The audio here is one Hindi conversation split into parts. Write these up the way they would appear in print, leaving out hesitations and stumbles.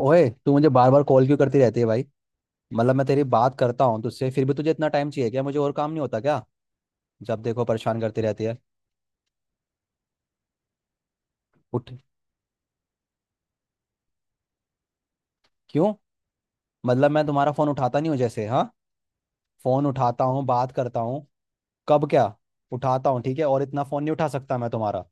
ओए तू मुझे बार बार कॉल क्यों करती रहती है भाई। मतलब मैं तेरी बात करता हूँ तुझसे, फिर भी तुझे इतना टाइम चाहिए क्या। मुझे और काम नहीं होता क्या। जब देखो परेशान करती रहती है। उठ। क्यों। मतलब मैं तुम्हारा फोन उठाता नहीं हूँ जैसे। हाँ, फोन उठाता हूँ, बात करता हूँ। कब क्या। उठाता हूँ, ठीक है। और इतना फोन नहीं उठा सकता मैं तुम्हारा।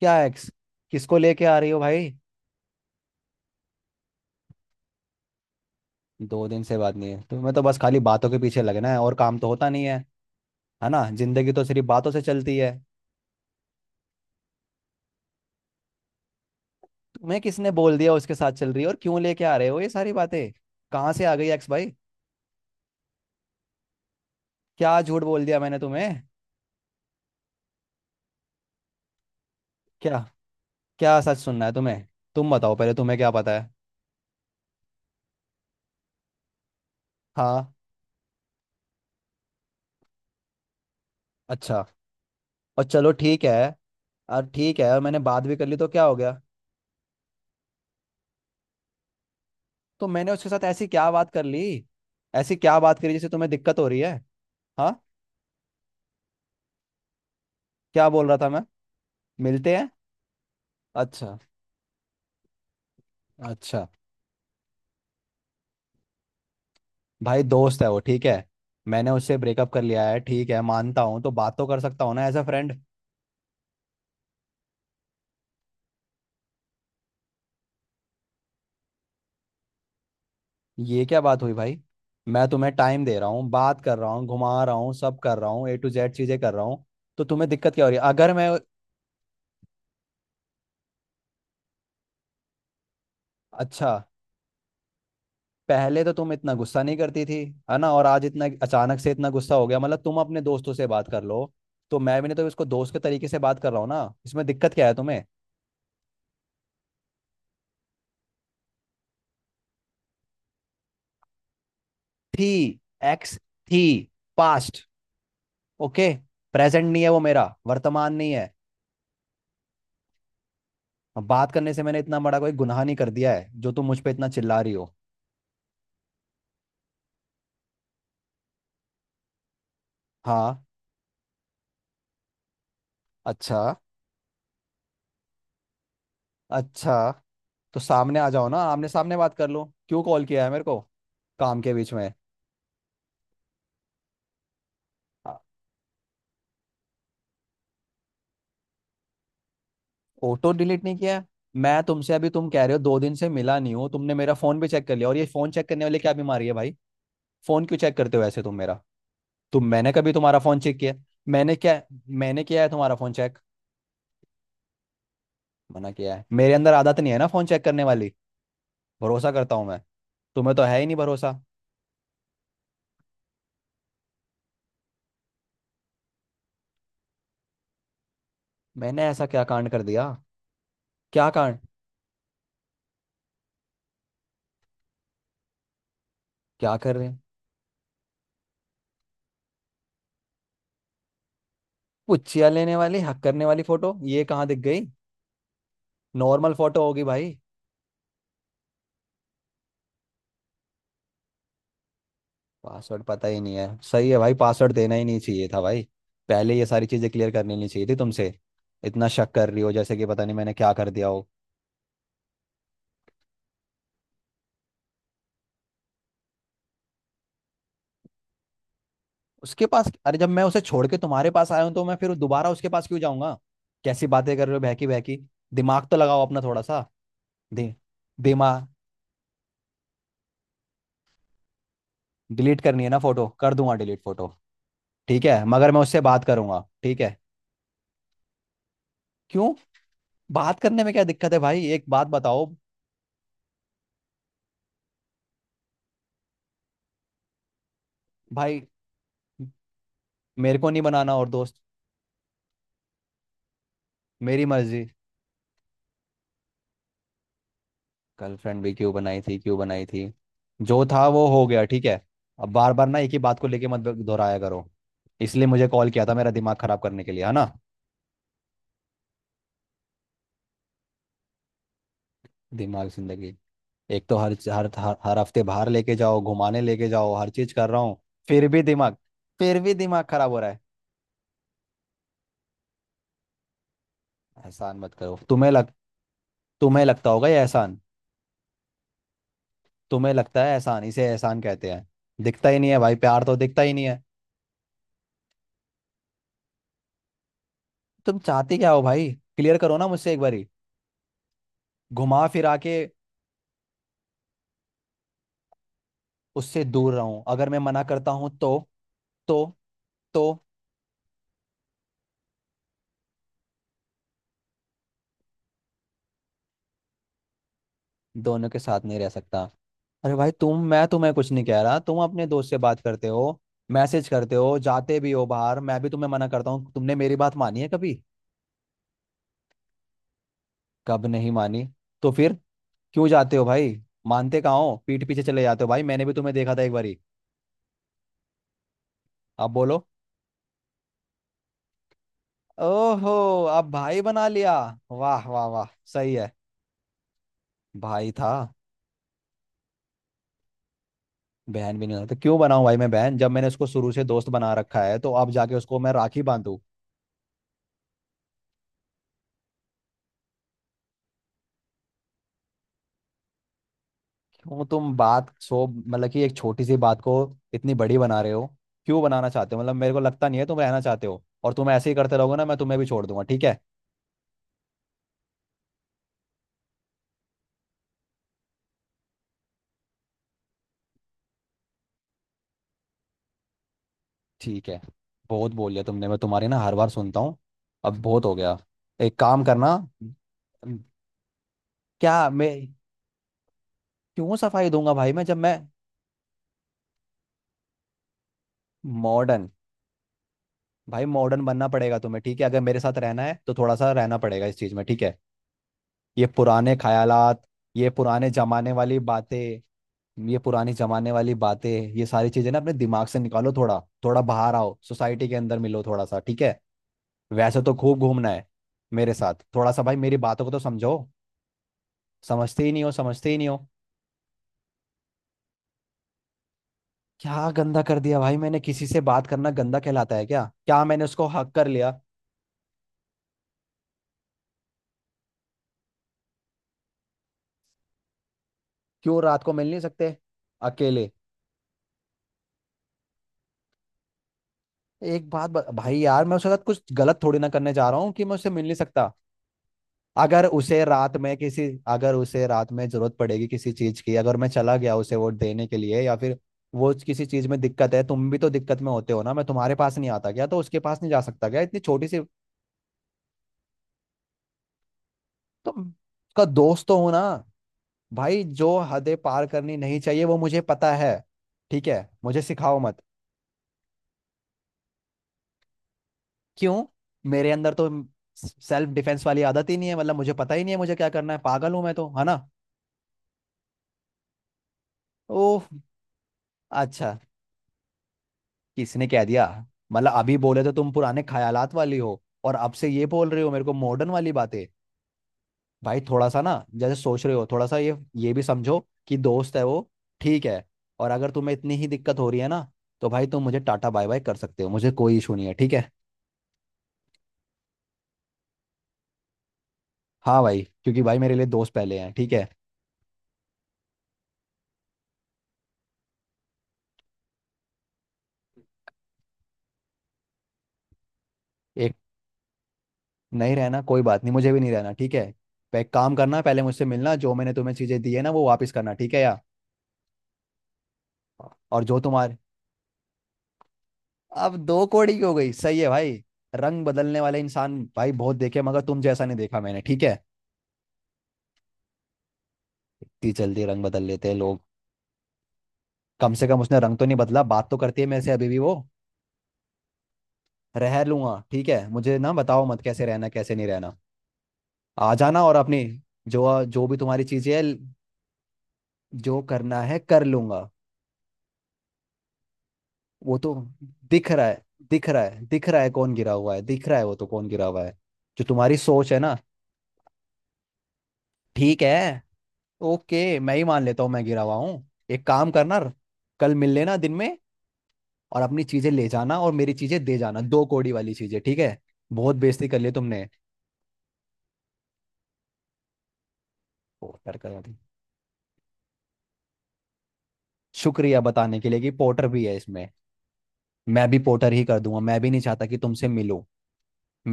क्या एक्स। किसको लेके आ रही हो भाई। दो दिन से बात नहीं है। तुम्हें तो बस खाली बातों के पीछे लगना है और काम तो होता नहीं है। है ना, जिंदगी तो सिर्फ बातों से चलती है। मैं किसने बोल दिया उसके साथ चल रही है। और क्यों लेके आ रहे हो ये सारी बातें। कहाँ से आ गई एक्स भाई। क्या झूठ बोल दिया मैंने तुम्हें। क्या। क्या सच सुनना है तुम्हें। तुम बताओ पहले, तुम्हें क्या पता है। हाँ। अच्छा। और चलो ठीक है। और ठीक है, और मैंने बात भी कर ली तो क्या हो गया। तो मैंने उसके साथ ऐसी क्या बात कर ली। ऐसी क्या बात करी जिससे तुम्हें दिक्कत हो रही है। हाँ। क्या बोल रहा था मैं। मिलते हैं। अच्छा। अच्छा। भाई दोस्त है वो, ठीक है। मैंने उससे ब्रेकअप कर लिया है, ठीक है, मानता हूँ, तो बात तो कर सकता हूँ ना एज अ फ्रेंड। ये क्या बात हुई भाई। मैं तुम्हें टाइम दे रहा हूँ, बात कर रहा हूँ, घुमा रहा हूँ, सब कर रहा हूँ, ए टू जेड चीजें कर रहा हूँ। तो तुम्हें दिक्कत क्या हो रही है अगर मैं। अच्छा। पहले तो तुम इतना गुस्सा नहीं करती थी, है ना। और आज इतना अचानक से इतना गुस्सा हो गया। मतलब तुम अपने दोस्तों से बात कर लो तो मैं भी नहीं। तो इसको दोस्त के तरीके से बात कर रहा हूँ ना, इसमें दिक्कत क्या है तुम्हें। थी, एक्स थी, पास्ट, ओके। प्रेजेंट नहीं है वो, मेरा वर्तमान नहीं है। बात करने से मैंने इतना बड़ा कोई गुनाह नहीं कर दिया है जो तुम मुझ पे इतना चिल्ला रही हो। हाँ। अच्छा। अच्छा, तो सामने आ जाओ ना, आमने सामने बात कर लो। क्यों कॉल किया है मेरे को काम के बीच में। फोटो डिलीट नहीं किया है। मैं तुमसे अभी, तुम कह रहे हो दो दिन से मिला नहीं हो, तुमने मेरा फोन भी चेक कर लिया। और ये फोन चेक करने वाले क्या बीमारी है भाई। फोन क्यों चेक करते हो ऐसे तुम मेरा। तुम, मैंने कभी तुम्हारा फोन चेक किया। मैंने क्या। मैंने किया है तुम्हारा फोन चेक। मना किया है। मेरे अंदर आदत नहीं है ना फोन चेक करने वाली। भरोसा करता हूँ मैं। तुम्हें तो है ही नहीं भरोसा। मैंने ऐसा क्या कांड कर दिया। क्या कांड। क्या कर रहे। पुच्छिया लेने वाली, हक करने वाली फोटो, ये कहाँ दिख गई। नॉर्मल फोटो होगी भाई। पासवर्ड पता ही नहीं है, सही है भाई, पासवर्ड देना ही नहीं चाहिए था भाई। पहले ये सारी चीजें क्लियर करनी नहीं चाहिए थी तुमसे। इतना शक कर रही हो जैसे कि पता नहीं मैंने क्या कर दिया हो। उसके पास, अरे जब मैं उसे छोड़ के तुम्हारे पास आया हूं तो मैं फिर दोबारा उसके पास क्यों जाऊंगा। कैसी बातें कर रहे हो बहकी बहकी। दिमाग तो लगाओ अपना थोड़ा सा। दे दिमाग। डिलीट करनी है ना फोटो, कर दूंगा डिलीट फोटो। ठीक है, मगर मैं उससे बात करूंगा, ठीक है। क्यों, बात करने में क्या दिक्कत है भाई, एक बात बताओ भाई। मेरे को नहीं बनाना और दोस्त, मेरी मर्जी। गर्लफ्रेंड भी क्यों बनाई थी, क्यों बनाई थी। जो था वो हो गया, ठीक है। अब बार बार ना एक ही बात को लेके मत दोहराया करो। इसलिए मुझे कॉल किया था मेरा दिमाग खराब करने के लिए, है ना। दिमाग जिंदगी। एक तो हर हफ्ते बाहर लेके जाओ, घुमाने लेके जाओ, हर चीज कर रहा हूँ। फिर भी दिमाग फिर भी दिमाग खराब हो रहा है। एहसान मत करो। तुम्हें लगता होगा ये एहसान। तुम्हें लगता है एहसान, इसे एहसान कहते हैं। दिखता ही नहीं है भाई, प्यार तो दिखता ही नहीं है। तुम चाहते क्या हो भाई, क्लियर करो ना मुझसे एक बारी। घुमा फिरा के। उससे दूर रहूं, अगर मैं मना करता हूं तो, तो तो दोनों के साथ नहीं रह सकता। अरे भाई, तुम मैं तुम्हें कुछ नहीं कह रहा। तुम अपने दोस्त से बात करते हो, मैसेज करते हो, जाते भी हो बाहर। मैं भी तुम्हें मना करता हूँ, तुमने मेरी बात मानी है कभी। कब नहीं मानी। तो फिर क्यों जाते हो भाई। मानते कहाँ हो, पीठ पीछे चले जाते हो। भाई मैंने भी तुम्हें देखा था एक बारी, अब बोलो। ओहो, अब भाई बना लिया, वाह वाह वाह, सही है, भाई था। बहन भी नहीं होता तो क्यों बनाऊं भाई मैं बहन। जब मैंने उसको शुरू से दोस्त बना रखा है तो अब जाके उसको मैं राखी बांधू। क्यों। तुम बात सो मतलब कि एक छोटी सी बात को इतनी बड़ी बना रहे हो। क्यों बनाना चाहते हो। मतलब मेरे को लगता नहीं है तुम रहना चाहते हो, और तुम ऐसे ही करते रहोगे ना मैं तुम्हें भी छोड़ दूंगा, ठीक है। ठीक है, बहुत बोल लिया तुमने, मैं तुम्हारी ना हर बार सुनता हूँ। अब बहुत हो गया, एक काम करना। क्या मैं, क्यों सफाई दूंगा भाई मैं, जब मैं मॉडर्न। भाई मॉडर्न बनना पड़ेगा तुम्हें, ठीक है, अगर मेरे साथ रहना है तो थोड़ा सा रहना पड़ेगा इस चीज में, ठीक है। ये पुराने ख्यालात, ये पुराने जमाने वाली बातें, ये पुरानी जमाने वाली बातें, ये सारी चीजें ना अपने दिमाग से निकालो थोड़ा। थोड़ा बाहर आओ, सोसाइटी के अंदर मिलो थोड़ा सा, ठीक है। वैसे तो खूब घूमना है मेरे साथ थोड़ा सा। भाई मेरी बातों को तो समझो, समझते ही नहीं हो, समझते ही नहीं हो। क्या गंदा कर दिया भाई मैंने, किसी से बात करना गंदा कहलाता है क्या। क्या मैंने उसको हक कर लिया। क्यों रात को मिल नहीं सकते। अकेले। एक बात भाई यार मैं उसके साथ कुछ गलत थोड़ी ना करने जा रहा हूँ कि मैं उससे मिल नहीं सकता। अगर उसे रात में किसी अगर उसे रात में जरूरत पड़ेगी किसी चीज की, अगर मैं चला गया उसे वोट देने के लिए या फिर वो किसी चीज में दिक्कत है। तुम भी तो दिक्कत में होते हो ना, मैं तुम्हारे पास नहीं आता क्या, तो उसके पास नहीं जा सकता क्या। इतनी छोटी सी। तो उसका दोस्त तो हो ना। भाई जो हदें पार करनी नहीं चाहिए वो मुझे पता है, ठीक है, मुझे सिखाओ मत। क्यों, मेरे अंदर तो सेल्फ डिफेंस वाली आदत ही नहीं है, मतलब मुझे पता ही नहीं है मुझे क्या करना है, पागल हूं मैं तो, है ना। ओह, अच्छा, किसने कह दिया। मतलब अभी बोले तो तुम पुराने ख्यालात वाली हो और अब से ये बोल रहे हो मेरे को मॉडर्न वाली बातें। भाई थोड़ा सा ना जैसे सोच रहे हो, थोड़ा सा ये भी समझो कि दोस्त है वो, ठीक है। और अगर तुम्हें इतनी ही दिक्कत हो रही है ना, तो भाई तुम मुझे टाटा बाय बाय कर सकते हो, मुझे कोई इशू नहीं है, ठीक है। हाँ भाई, क्योंकि भाई मेरे लिए दोस्त पहले हैं, ठीक है। एक, नहीं रहना कोई बात नहीं, मुझे भी नहीं रहना, ठीक है। एक काम करना, पहले मुझसे मिलना, जो मैंने तुम्हें चीजें दी है ना वो वापस करना, ठीक है यार। और जो तुम्हारे, अब दो कोड़ी की हो गई, सही है भाई। रंग बदलने वाले इंसान भाई बहुत देखे मगर तुम जैसा नहीं देखा मैंने, ठीक है। इतनी जल्दी रंग बदल लेते हैं लोग। कम से कम उसने रंग तो नहीं बदला, बात तो करती है मेरे से अभी भी वो। रह लूंगा, ठीक है, मुझे ना बताओ मत कैसे रहना कैसे नहीं रहना। आ जाना और अपनी जो जो भी तुम्हारी चीजें है, जो करना है कर लूंगा। वो तो दिख रहा है, दिख रहा है, दिख रहा है कौन गिरा हुआ है, दिख रहा है वो तो कौन गिरा हुआ है। जो तुम्हारी सोच है ना, ठीक है। ओके, मैं ही मान लेता हूँ मैं गिरा हुआ हूँ। एक काम करना, कल मिल लेना दिन में, और अपनी चीजें ले जाना और मेरी चीजें दे जाना, दो कौड़ी वाली चीजें, ठीक है। बहुत बेइज्जती कर ली तुमने। पोर्टर करवा दी। शुक्रिया बताने के लिए कि पोर्टर भी है इसमें। मैं भी पोर्टर ही कर दूंगा, मैं भी नहीं चाहता कि तुमसे मिलूं,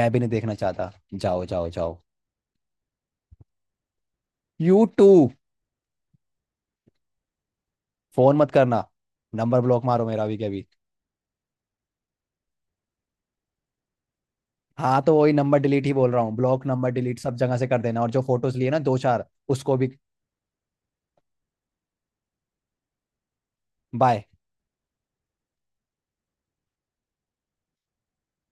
मैं भी नहीं देखना चाहता, जाओ जाओ जाओ। You too. फोन मत करना, नंबर ब्लॉक मारो मेरा भी कभी। हाँ तो वही नंबर डिलीट ही बोल रहा हूँ, ब्लॉक नंबर डिलीट सब जगह से कर देना, और जो फोटोज लिए ना दो चार, उसको भी। बाय।